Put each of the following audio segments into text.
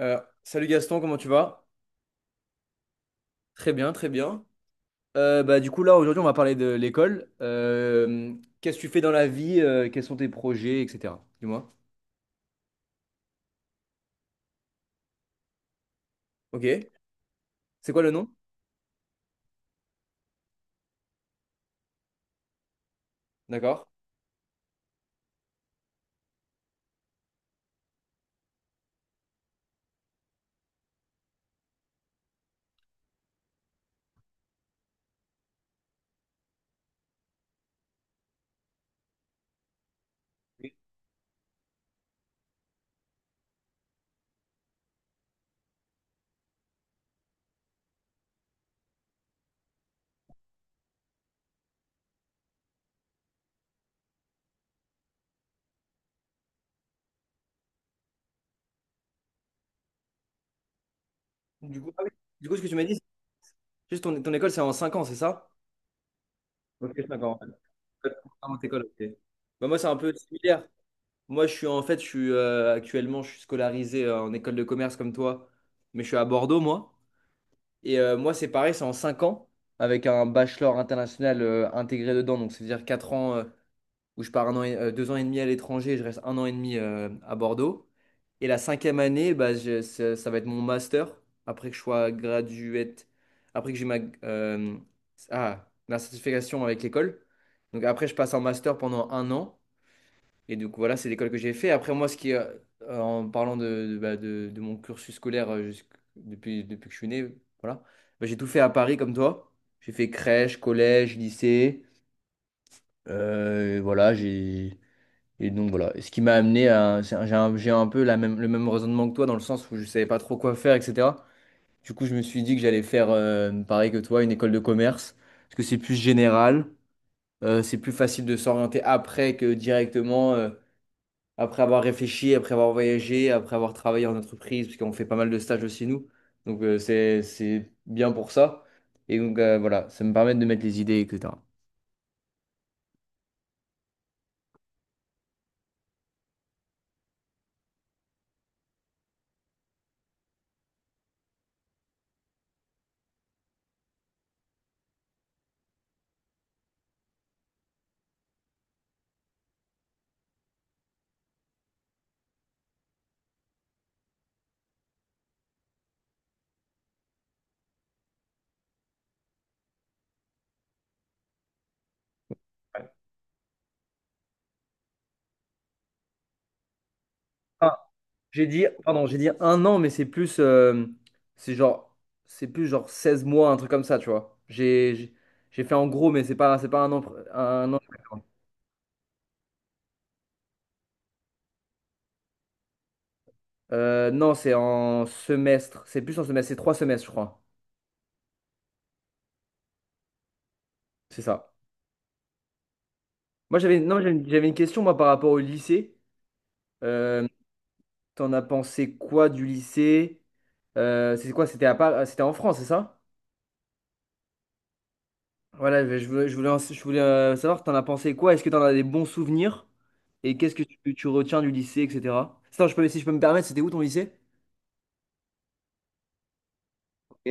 Salut Gaston, comment tu vas? Très bien, très bien. Bah, du coup, là, aujourd'hui, on va parler de l'école. Qu'est-ce que tu fais dans la vie? Quels sont tes projets, etc. Dis-moi. Ok. C'est quoi le nom? D'accord. Du coup, ah oui. Du coup, ce que tu m'as dit, c'est juste ton école, c'est en 5 ans, c'est ça? Ok, 5 ans. En Ah, mon école, ok. Bah, moi, c'est un peu similaire. Moi, je suis en fait, je suis actuellement, je suis scolarisé en école de commerce comme toi, mais je suis à Bordeaux, moi. Et moi, c'est pareil, c'est en 5 ans, avec un bachelor international, intégré dedans. Donc, c'est-à-dire 4 ans, où je pars deux ans et demi à l'étranger, et je reste un an et demi, à Bordeaux. Et la cinquième année, bah, ça va être mon master, après que je sois graduate, après que j'ai euh, ma certification avec l'école. Donc, après, je passe en master pendant un an. Et donc voilà, c'est l'école que j'ai fait. Après moi, ce qui, en parlant bah, de mon cursus scolaire, depuis que je suis né, voilà. Bah, j'ai tout fait à Paris comme toi. J'ai fait crèche, collège, lycée. Voilà, j'ai et donc voilà. Et ce qui m'a amené à, c'est j'ai un peu le même raisonnement que toi dans le sens où je savais pas trop quoi faire, etc. Du coup, je me suis dit que j'allais faire, pareil que toi, une école de commerce, parce que c'est plus général, c'est plus facile de s'orienter après que directement. Après avoir réfléchi, après avoir voyagé, après avoir travaillé en entreprise, parce qu'on fait pas mal de stages aussi, nous. Donc, c'est bien pour ça. Et donc, voilà, ça me permet de mettre les idées, et etc. Ah, j'ai dit, pardon, j'ai dit un an, mais c'est plus, c'est genre, c'est plus genre 16 mois, un truc comme ça, tu vois. J'ai fait en gros, mais c'est pas un an, un an. Non, c'est en semestre. C'est plus en semestre. C'est trois semestres, je crois. C'est ça. Moi, j'avais non, j'avais j'avais une question moi par rapport au lycée. Euh, T'en as pensé quoi du lycée? C'est quoi? C'était en France, c'est ça? Voilà, je voulais savoir, t'en as pensé quoi? Est-ce que t'en as des bons souvenirs? Et qu'est-ce que tu retiens du lycée, etc. Attends, je peux, si je peux me permettre, c'était où ton lycée? Ok,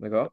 d'accord.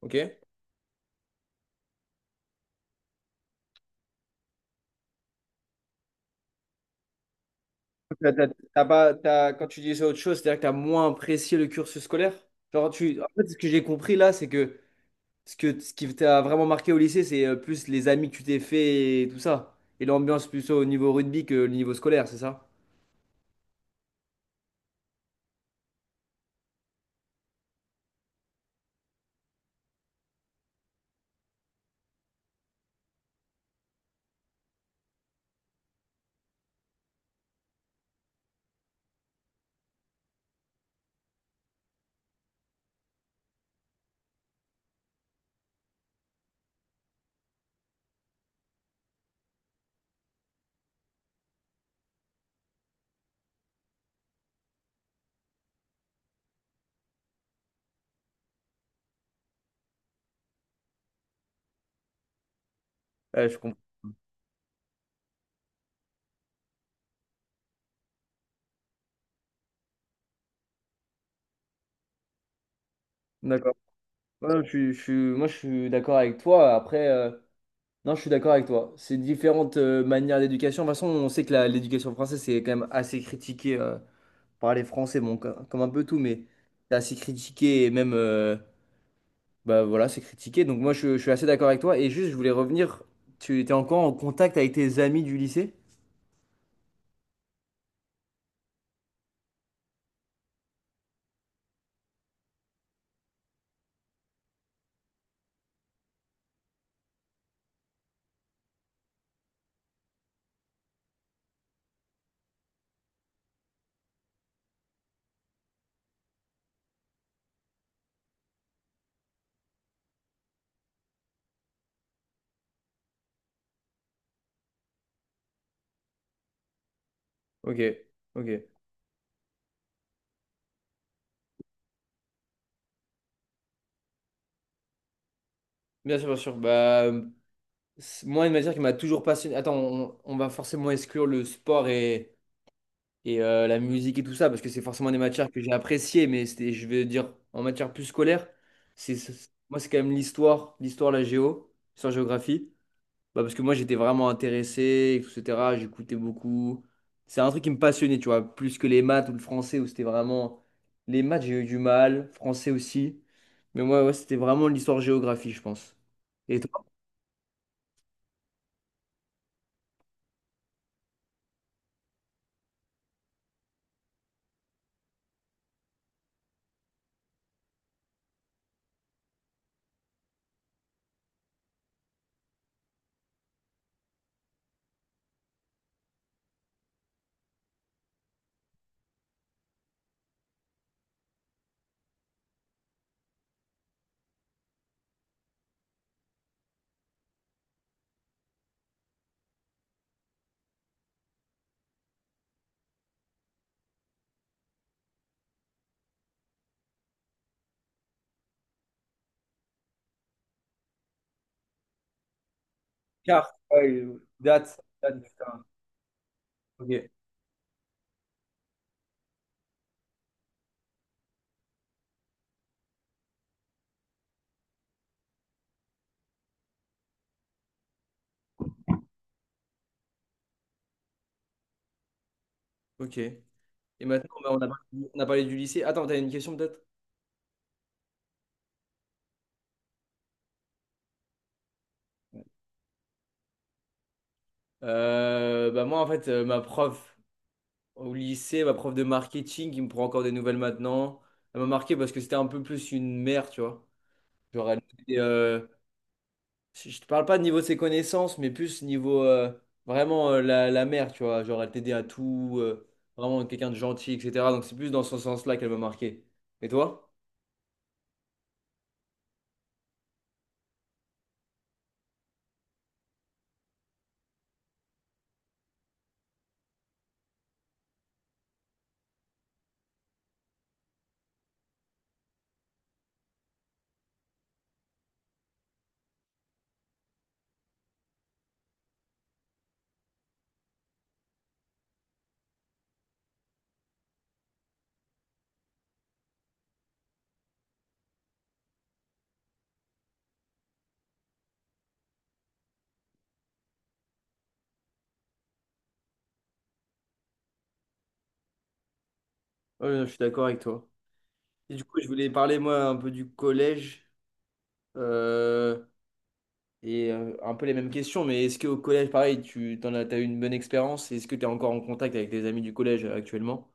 Ok. T'as- t'as- t'as pas, t'as- Quand tu disais autre chose, c'est-à-dire que tu as moins apprécié le cursus scolaire? Genre, en fait, ce que j'ai compris là, c'est que ce qui t'a vraiment marqué au lycée, c'est, plus les amis que tu t'es fait et tout ça. Et l'ambiance plutôt au niveau rugby que le niveau scolaire, c'est ça? Ouais, je comprends. D'accord. Ouais, moi, je suis d'accord avec toi. Après. Non, je suis d'accord avec toi. C'est différentes, manières d'éducation. De toute façon, on sait que l'éducation française, c'est quand même assez critiqué, par les Français, bon, comme, un peu tout, mais c'est assez critiqué et même, bah voilà, c'est critiqué. Donc moi, je suis assez d'accord avec toi. Et juste, je voulais revenir, tu étais encore en contact avec tes amis du lycée? Ok, ok. Bien sûr, bien sûr. Bah, moi, une matière qui m'a toujours passionné. Attends, on va forcément exclure le sport et la musique et tout ça, parce que c'est forcément des matières que j'ai appréciées, mais c'était, je vais dire, en matière plus scolaire, moi, c'est quand même l'histoire, la géo, l'histoire-géographie, bah, parce que moi, j'étais vraiment intéressé, etc., j'écoutais beaucoup. C'est un truc qui me passionnait, tu vois, plus que les maths ou le français, où c'était vraiment... Les maths, j'ai eu du mal, français aussi, mais moi, ouais, c'était vraiment l'histoire-géographie, je pense. Et toi? Carte, ouais, date, date. Ok. Ok. Et maintenant, bah, on a parlé du lycée. Attends, t'as une question peut-être? Bah moi, en fait, ma prof au lycée, ma prof de marketing, qui me prend encore des nouvelles maintenant, elle m'a marqué parce que c'était un peu plus une mère, tu vois. Genre, elle était, je te parle pas de niveau de ses connaissances, mais plus niveau, vraiment, la mère, tu vois. Genre, elle t'aidait à tout, vraiment quelqu'un de gentil, etc. Donc, c'est plus dans ce sens-là qu'elle m'a marqué. Et toi? Ouais, je suis d'accord avec toi. Et du coup, je voulais parler, moi, un peu du collège. Euh, Et un peu les mêmes questions, mais est-ce qu'au collège, pareil, t'as eu une bonne expérience? Est-ce que tu es encore en contact avec des amis du collège, actuellement?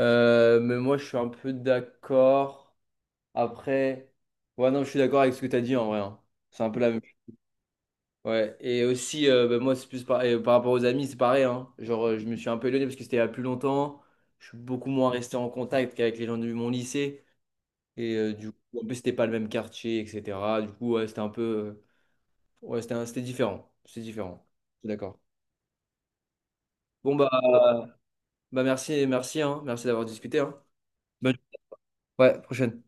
Mais moi, je suis un peu d'accord. Après, ouais, non, je suis d'accord avec ce que tu as dit en vrai, hein. C'est un peu la même chose. Ouais, et aussi, bah, moi, c'est plus et par rapport aux amis, c'est pareil, hein. Genre, je me suis un peu éloigné parce que c'était il y a plus longtemps. Je suis beaucoup moins resté en contact qu'avec les gens de mon lycée. Et du coup, en plus, c'était pas le même quartier, etc. Du coup, ouais, c'était un peu, ouais, c'était différent. C'est différent. Je suis d'accord. Bon, bah merci, merci, hein. Merci d'avoir discuté, hein. Bonne- Ouais, prochaine.